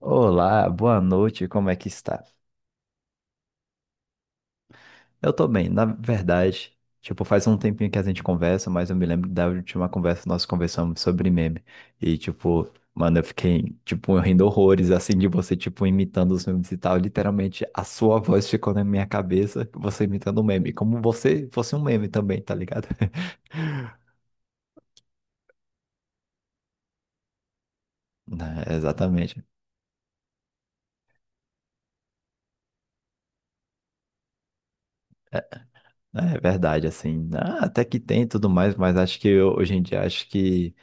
Olá, boa noite, como é que está? Eu tô bem, na verdade, tipo, faz um tempinho que a gente conversa, mas eu me lembro da última conversa que nós conversamos sobre meme. E, tipo, mano, eu fiquei, tipo, rindo horrores, assim, de você, tipo, imitando os memes e tal. Literalmente, a sua voz ficou na minha cabeça, você imitando um meme, como você fosse um meme também, tá ligado? É, exatamente. É verdade, assim, ah, até que tem e tudo mais, mas acho que hoje em dia, acho que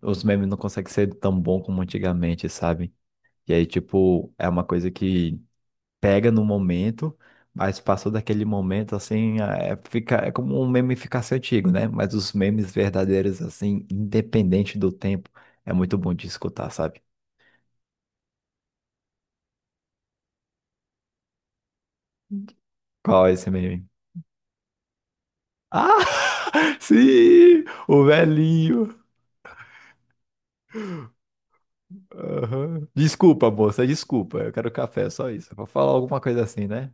os memes não conseguem ser tão bom como antigamente, sabe? E aí, tipo, é uma coisa que pega no momento, mas passou daquele momento, assim, é, fica, é como um meme ficasse antigo, né? Mas os memes verdadeiros, assim, independente do tempo, é muito bom de escutar, sabe? Qual é esse meme? Ah! Sim! O velhinho! Aham. Desculpa, moça, desculpa. Eu quero café, só isso. Vou falar alguma coisa assim, né?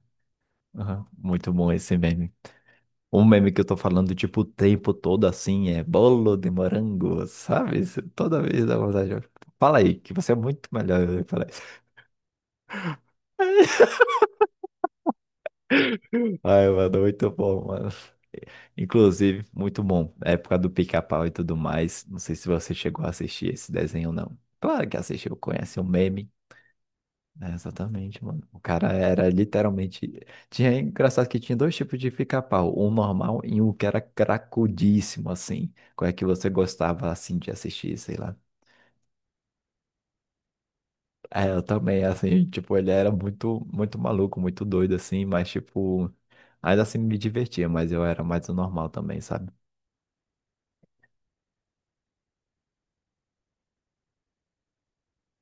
Aham. Muito bom esse meme. Um meme que eu tô falando, tipo, o tempo todo assim, é bolo de morango, sabe? Isso. Toda vez dá vontade Fala aí, que você é muito melhor. Eu falei, ai, mano, muito bom, mano. Inclusive, muito bom. É época do pica-pau e tudo mais. Não sei se você chegou a assistir esse desenho ou não. Claro que assistiu, conhece o meme. É, exatamente, mano. O cara era literalmente. Tinha É engraçado que tinha dois tipos de pica-pau, um normal e um que era cracudíssimo, assim. Qual é que você gostava assim de assistir, sei lá? É, eu também, assim, tipo, ele era muito, muito maluco, muito doido, assim, mas, tipo, ainda assim me divertia, mas eu era mais o normal também, sabe?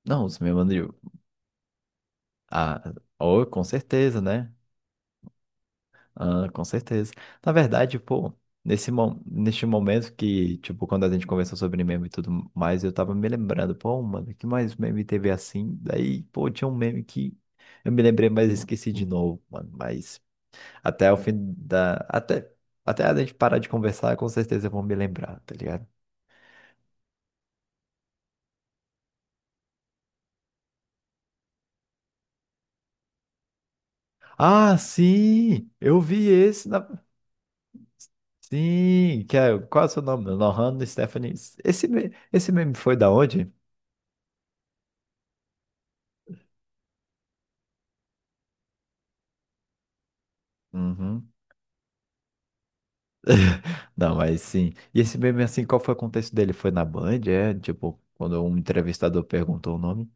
Não, os meus amigos, ah, oh, com certeza, né? Ah, com certeza. Na verdade, pô, neste momento que, tipo, quando a gente conversou sobre meme e tudo mais, eu tava me lembrando, pô, mano, que mais meme teve assim? Daí, pô, tinha um meme que eu me lembrei, mas esqueci de novo, mano, mas... Até o fim da. Até a gente parar de conversar, com certeza eu vou me lembrar, tá ligado? Ah, sim! Eu vi esse na. Sim! Que é... Qual é o seu nome? Lohan Stephanie. Esse meme foi da onde? Uhum. Não, mas sim. E esse meme, assim, qual foi o contexto dele? Foi na Band? É, tipo, quando um entrevistador perguntou o nome?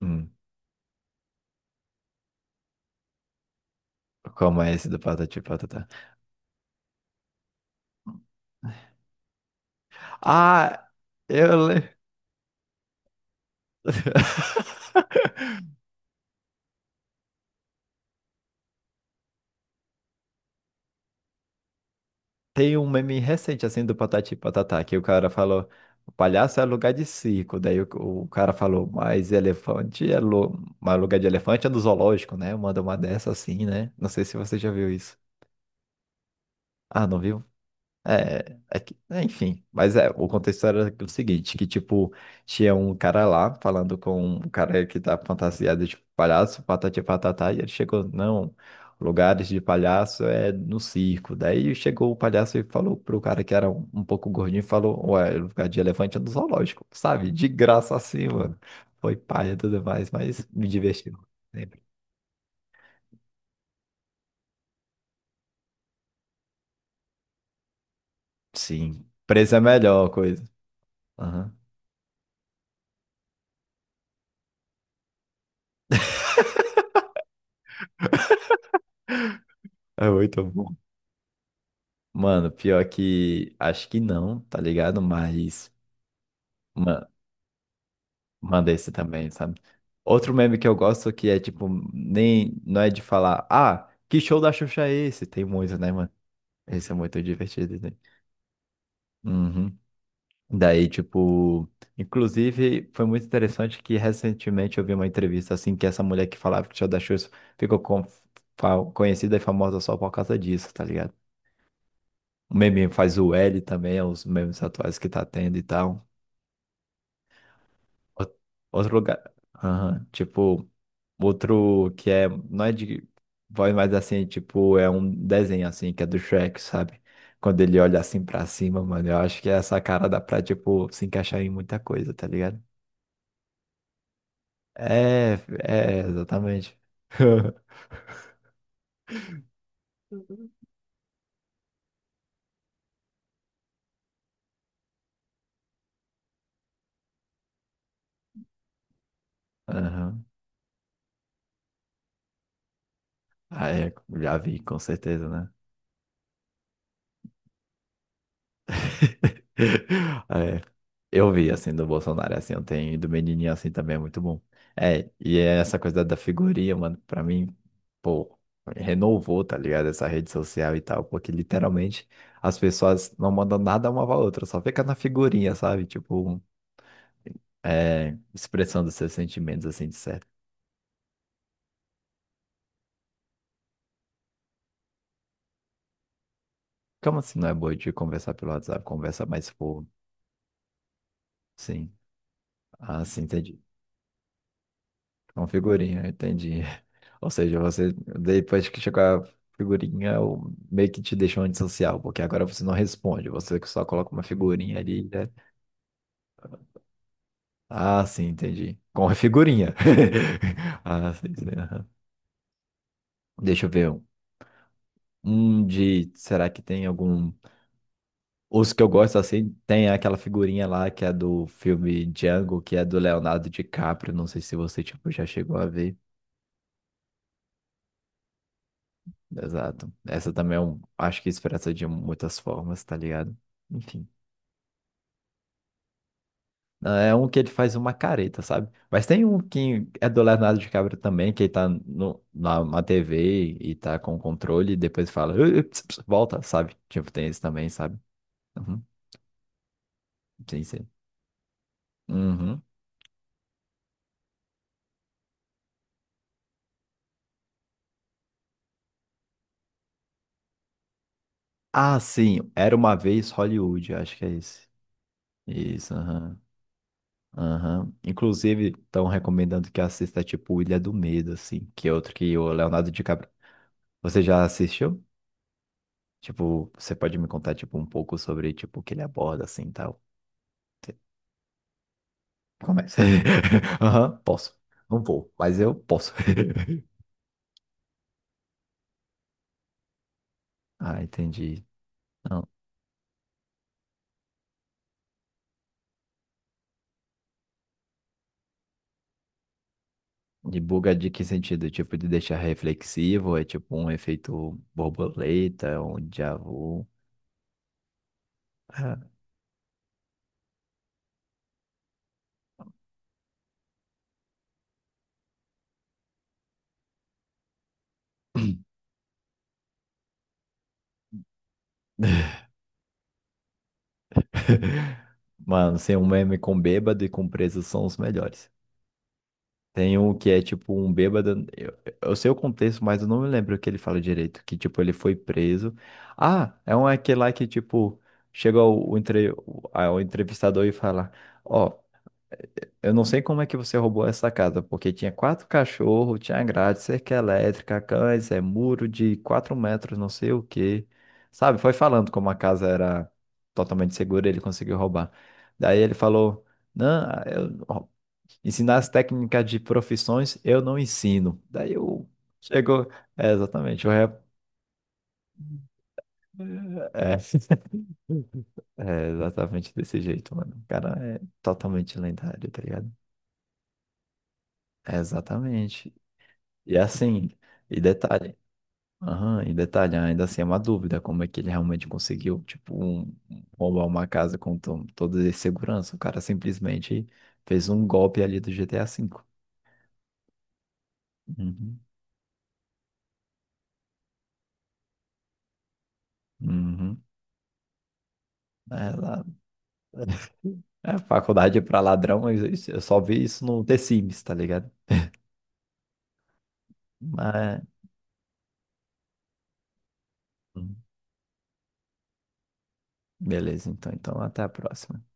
Hum. Como é esse do Patati e Patatá? Ah, eu lembro. Tem um meme recente, assim, do Patati e Patatá, que o cara falou, o palhaço é lugar de circo. Daí o cara falou, mas lugar de elefante é do zoológico, né? Manda uma dessa assim, né? Não sei se você já viu isso. Ah, não viu? É, é, enfim, mas é, o contexto era o seguinte, que tipo, tinha um cara lá falando com um cara que tá fantasiado de palhaço, patati e patatá, e ele chegou, não, lugares de palhaço é no circo. Daí chegou o palhaço e falou pro cara que era um pouco gordinho, falou, ué, é lugar de elefante é no zoológico, sabe? De graça assim, mano. Foi paia e tudo mais, mas me divertiu sempre. Sim, preço é a melhor coisa. Aham. É muito bom. Mano, pior que acho que não, tá ligado? Mas ma- manda esse também, sabe? Outro meme que eu gosto que é tipo, nem não é de falar, ah, que show da Xuxa é esse? Tem muito, né, mano? Esse é muito divertido, né? Uhum. Daí, tipo, inclusive foi muito interessante que recentemente eu vi uma entrevista assim que essa mulher que falava que o show da Xuxa ficou conhecida e famosa só por causa disso, tá ligado? O meme faz o L também, é os memes atuais que tá tendo e tal. Ou- Outro lugar. Aham. Tipo, outro que é. Não é de voz, mas assim, tipo, é um desenho assim, que é do Shrek, sabe? Quando ele olha assim pra cima, mano, eu acho que essa cara dá pra, tipo, se encaixar em muita coisa, tá ligado? É, exatamente. Aham. Ah, é, já vi, com certeza, né? É, eu vi assim do Bolsonaro, assim, eu tenho e do menininho assim também é muito bom. É, e é essa coisa da figurinha, mano, pra mim, pô, renovou, tá ligado? Essa rede social e tal, porque literalmente as pessoas não mandam nada uma pra outra, só fica na figurinha, sabe? Tipo, é, expressando seus sentimentos assim, de certo. Como assim não é boa de conversar pelo WhatsApp? Conversa mais, pô, sim. Ah, sim, entendi. Com figurinha, entendi. Ou seja, você, depois que chegou a figurinha, meio que te deixou antissocial, porque agora você não responde, você só coloca uma figurinha ali, né? Ah, sim, entendi. Com a figurinha. Ah, sim, sim. Aham. Deixa eu ver. Um de. Será que tem algum. Os que eu gosto assim, tem aquela figurinha lá que é do filme Django, que é do Leonardo DiCaprio. Não sei se você, tipo, já chegou a ver. Exato. Essa também é um, acho que expressa de muitas formas, tá ligado? Enfim. Ah, é um que ele faz uma careta, sabe? Mas tem um que é do Leonardo DiCaprio também, que ele tá no, na, na TV e tá com o controle e depois fala, ui, ps, ps", volta, sabe? Tipo, tem esse também, sabe? Uhum. Sim, sim. Uhum. Ah, sim. Era uma vez Hollywood, acho que é esse. Isso, aham. Aham. Inclusive, estão recomendando que assista, tipo, Ilha do Medo, assim, que é outro que o Leonardo DiCaprio. Você já assistiu? Tipo, você pode me contar, tipo, um pouco sobre, tipo, o que ele aborda, assim, e tal? Você começa. Aham, posso. Não vou, mas eu posso. Ah, entendi. Não. De buga de que sentido? Tipo, de deixar reflexivo? É tipo um efeito borboleta, um déjà vu? Ah. Mano, sem um meme com bêbado e com preso são os melhores. Tem um que é tipo um bêbado. Eu sei o contexto, mas eu não me lembro o que ele fala direito. Que tipo, ele foi preso. Ah, é um aquele lá que tipo, chega o entrevistador e fala: Ó, eu não sei como é que você roubou essa casa, porque tinha quatro cachorros, tinha grade, cerca elétrica, cães, é muro de 4 metros, não sei o quê. Sabe, foi falando como a casa era totalmente segura, ele conseguiu roubar. Daí ele falou, não, eu, ó, ensinar as técnicas de profissões eu não ensino. Daí eu, chegou, é exatamente, o rep... é, é exatamente desse jeito, mano. O cara é totalmente lendário, tá ligado? É exatamente. E é assim, e detalhe, aham, e detalhe, ainda assim é uma dúvida como é que ele realmente conseguiu, tipo, um, roubar uma casa com toda a segurança. O cara simplesmente fez um golpe ali do GTA V. Uhum. Uhum. É, é, faculdade pra ladrão, eu só vi isso no The Sims, tá ligado? Mas, hum, beleza, então até a próxima.